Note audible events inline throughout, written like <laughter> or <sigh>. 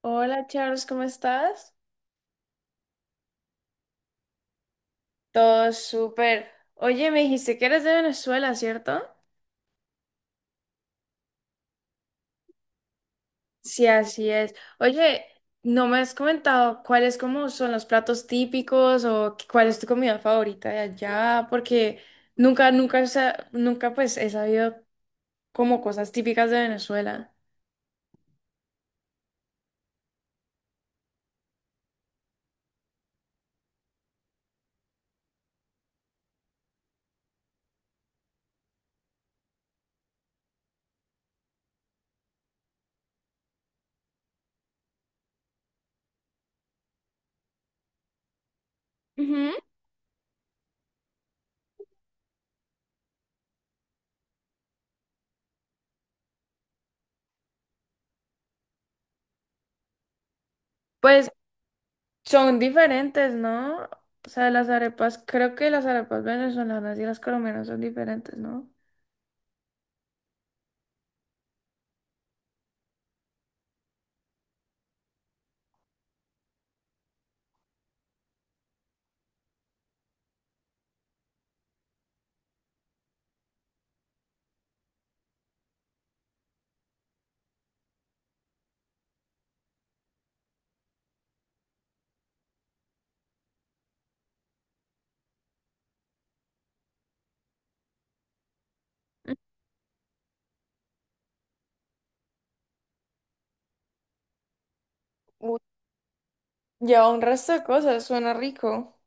Hola Charles, ¿cómo estás? Todo súper. Oye, me dijiste que eres de Venezuela, ¿cierto? Sí, así es. Oye, no me has comentado cuáles como son los platos típicos o cuál es tu comida favorita de allá, porque nunca pues he sabido como cosas típicas de Venezuela. Ujú. Pues son diferentes, ¿no? O sea, las arepas, creo que las arepas venezolanas y las colombianas son diferentes, ¿no? Ujú. Uy, lleva un resto de cosas, suena rico.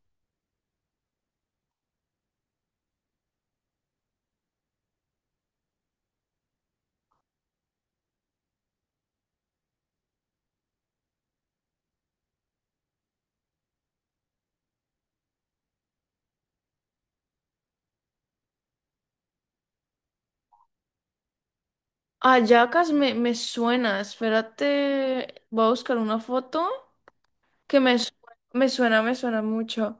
Ayacas me suena, espérate, voy a buscar una foto que me, su- me suena mucho.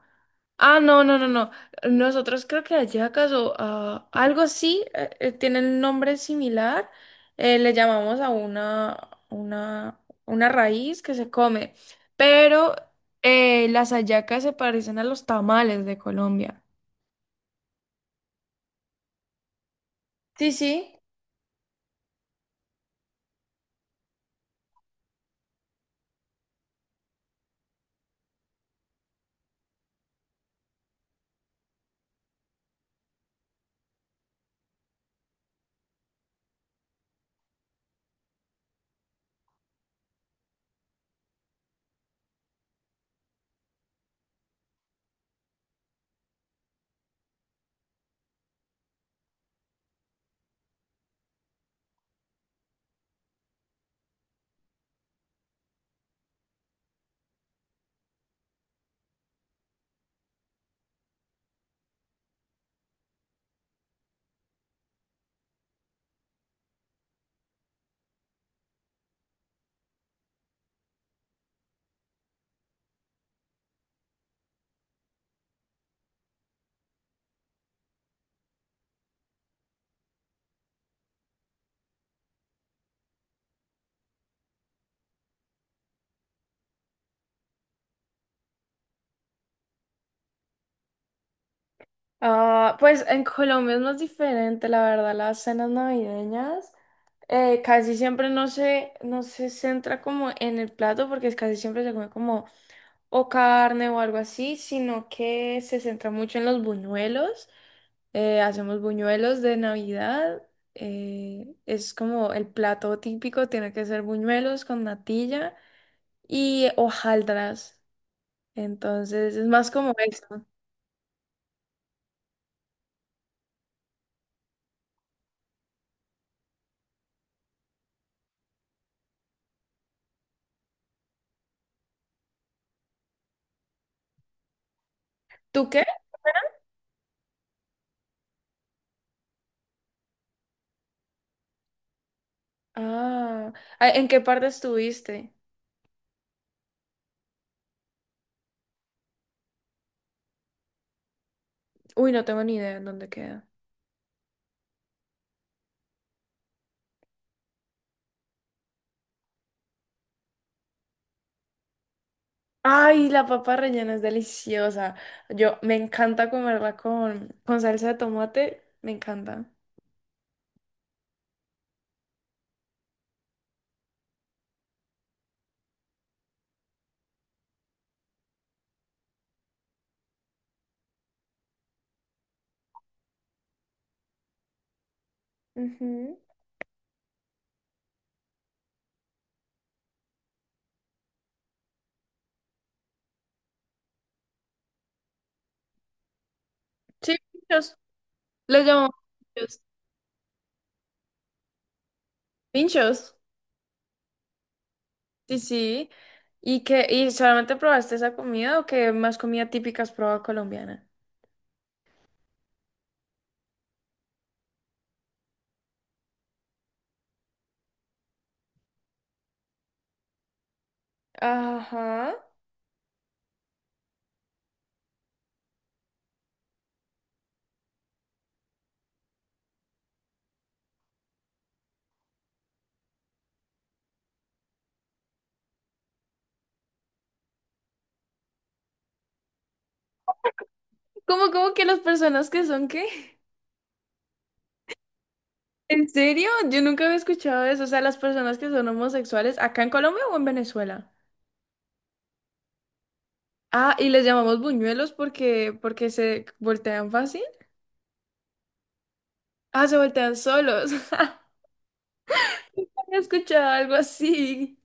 Ah, no, no, no, no. Nosotros creo que Ayacas o ah, algo así, tienen nombre similar. Le llamamos a una raíz que se come, pero las hallacas se parecen a los tamales de Colombia. Sí, sí. Ah, pues en Colombia es más diferente, la verdad, las cenas navideñas. Casi siempre no se centra como en el plato, porque es casi siempre se come como o carne o algo así, sino que se centra mucho en los buñuelos. Hacemos buñuelos de Navidad. Es como el plato típico, tiene que ser buñuelos con natilla y hojaldras. Entonces es más como eso. ¿Tú qué? Ah, ah, ¿en qué parte estuviste? Uy, no tengo ni idea en dónde queda. Ay, la papa rellena es deliciosa. Yo me encanta comerla con salsa de tomate. Me encanta. Ujú. Sí, pinchos. ¿Los llamamos pinchos. Pinchos. Sí, sí. ¿Y qué? ¿Y solamente probaste esa comida o qué más comida típica has probado colombiana? Ajá. ¿Cómo, cómo que las personas que son qué? ¿En serio? Yo nunca había escuchado eso. O sea, las personas que son homosexuales, ¿acá en Colombia o en Venezuela? Ah, y les llamamos buñuelos porque se voltean fácil. Ah, se voltean solos. <laughs> He escuchado algo así.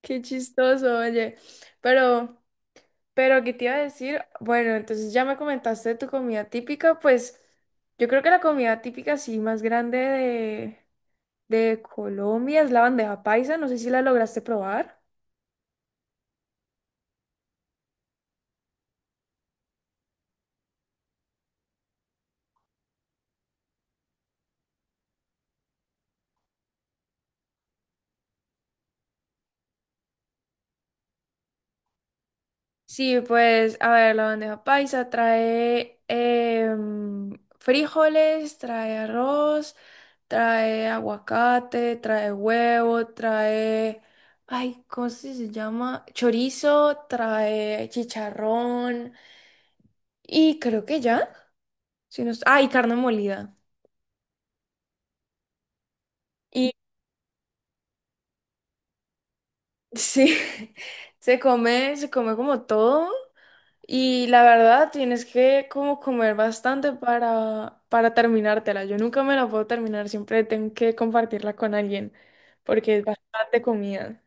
Qué chistoso, oye. Pero, pero, ¿qué te iba a decir? Bueno, entonces ya me comentaste de tu comida típica, pues yo creo que la comida típica sí más grande de Colombia es la bandeja paisa. No sé si la lograste probar. Sí, pues, a ver, la bandeja paisa trae frijoles, trae arroz, trae aguacate, trae huevo, trae, ay, ¿cómo se llama? Chorizo, trae chicharrón y creo que ya, si no, y carne molida. Y <laughs> sí, se come como todo. Y la verdad, tienes que como comer bastante para terminártela. Yo nunca me la puedo terminar, siempre tengo que compartirla con alguien, porque es bastante comida.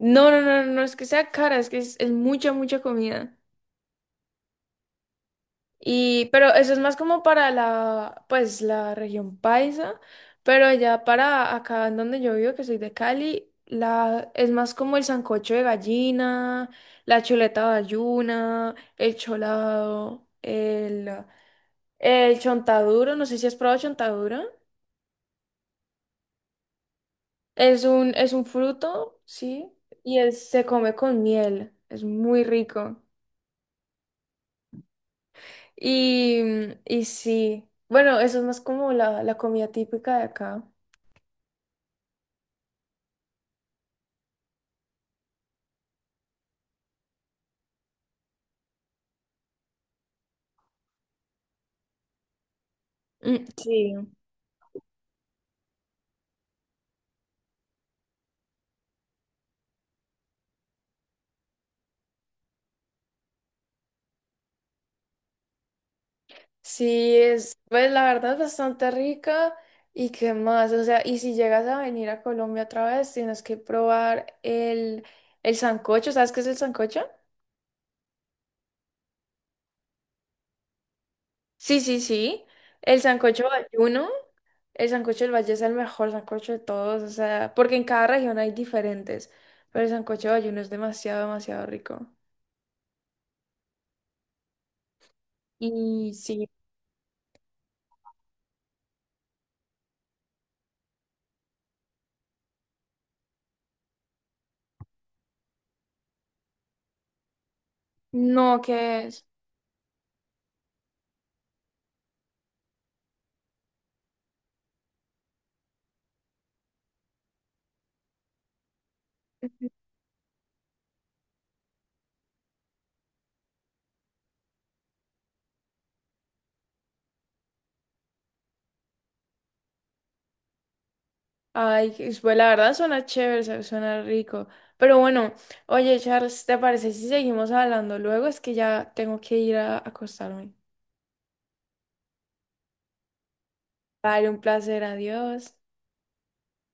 No, no, no, no es que sea cara, es que es mucha, mucha comida. Y, pero eso es más como para la, pues, la región paisa, pero ya para acá en donde yo vivo, que soy de Cali, la, es más como el sancocho de gallina, la chuleta bayuna el cholado, el... El chontaduro, no sé si has probado chontaduro. Es un fruto, sí, se come con miel. Es muy rico. Y, y sí, bueno, eso es más como la comida típica de acá. Mm, sí, sí, es, pues la verdad es bastante rica. ¿Y qué más? O sea, y si llegas a venir a Colombia otra vez, tienes que probar el sancocho. ¿Sabes qué es el sancocho? Sí, sí, sí. El sancocho valluno. El sancocho del Valle es el mejor sancocho de todos, o sea, porque en cada región hay diferentes, pero el sancocho del Valle es demasiado, demasiado rico. Y sí, no, que es. Ay, pues la verdad suena chévere, suena rico. Pero bueno, oye, Charles, ¿te parece si seguimos hablando luego? Es que ya tengo que ir a acostarme. Vale, un placer, adiós.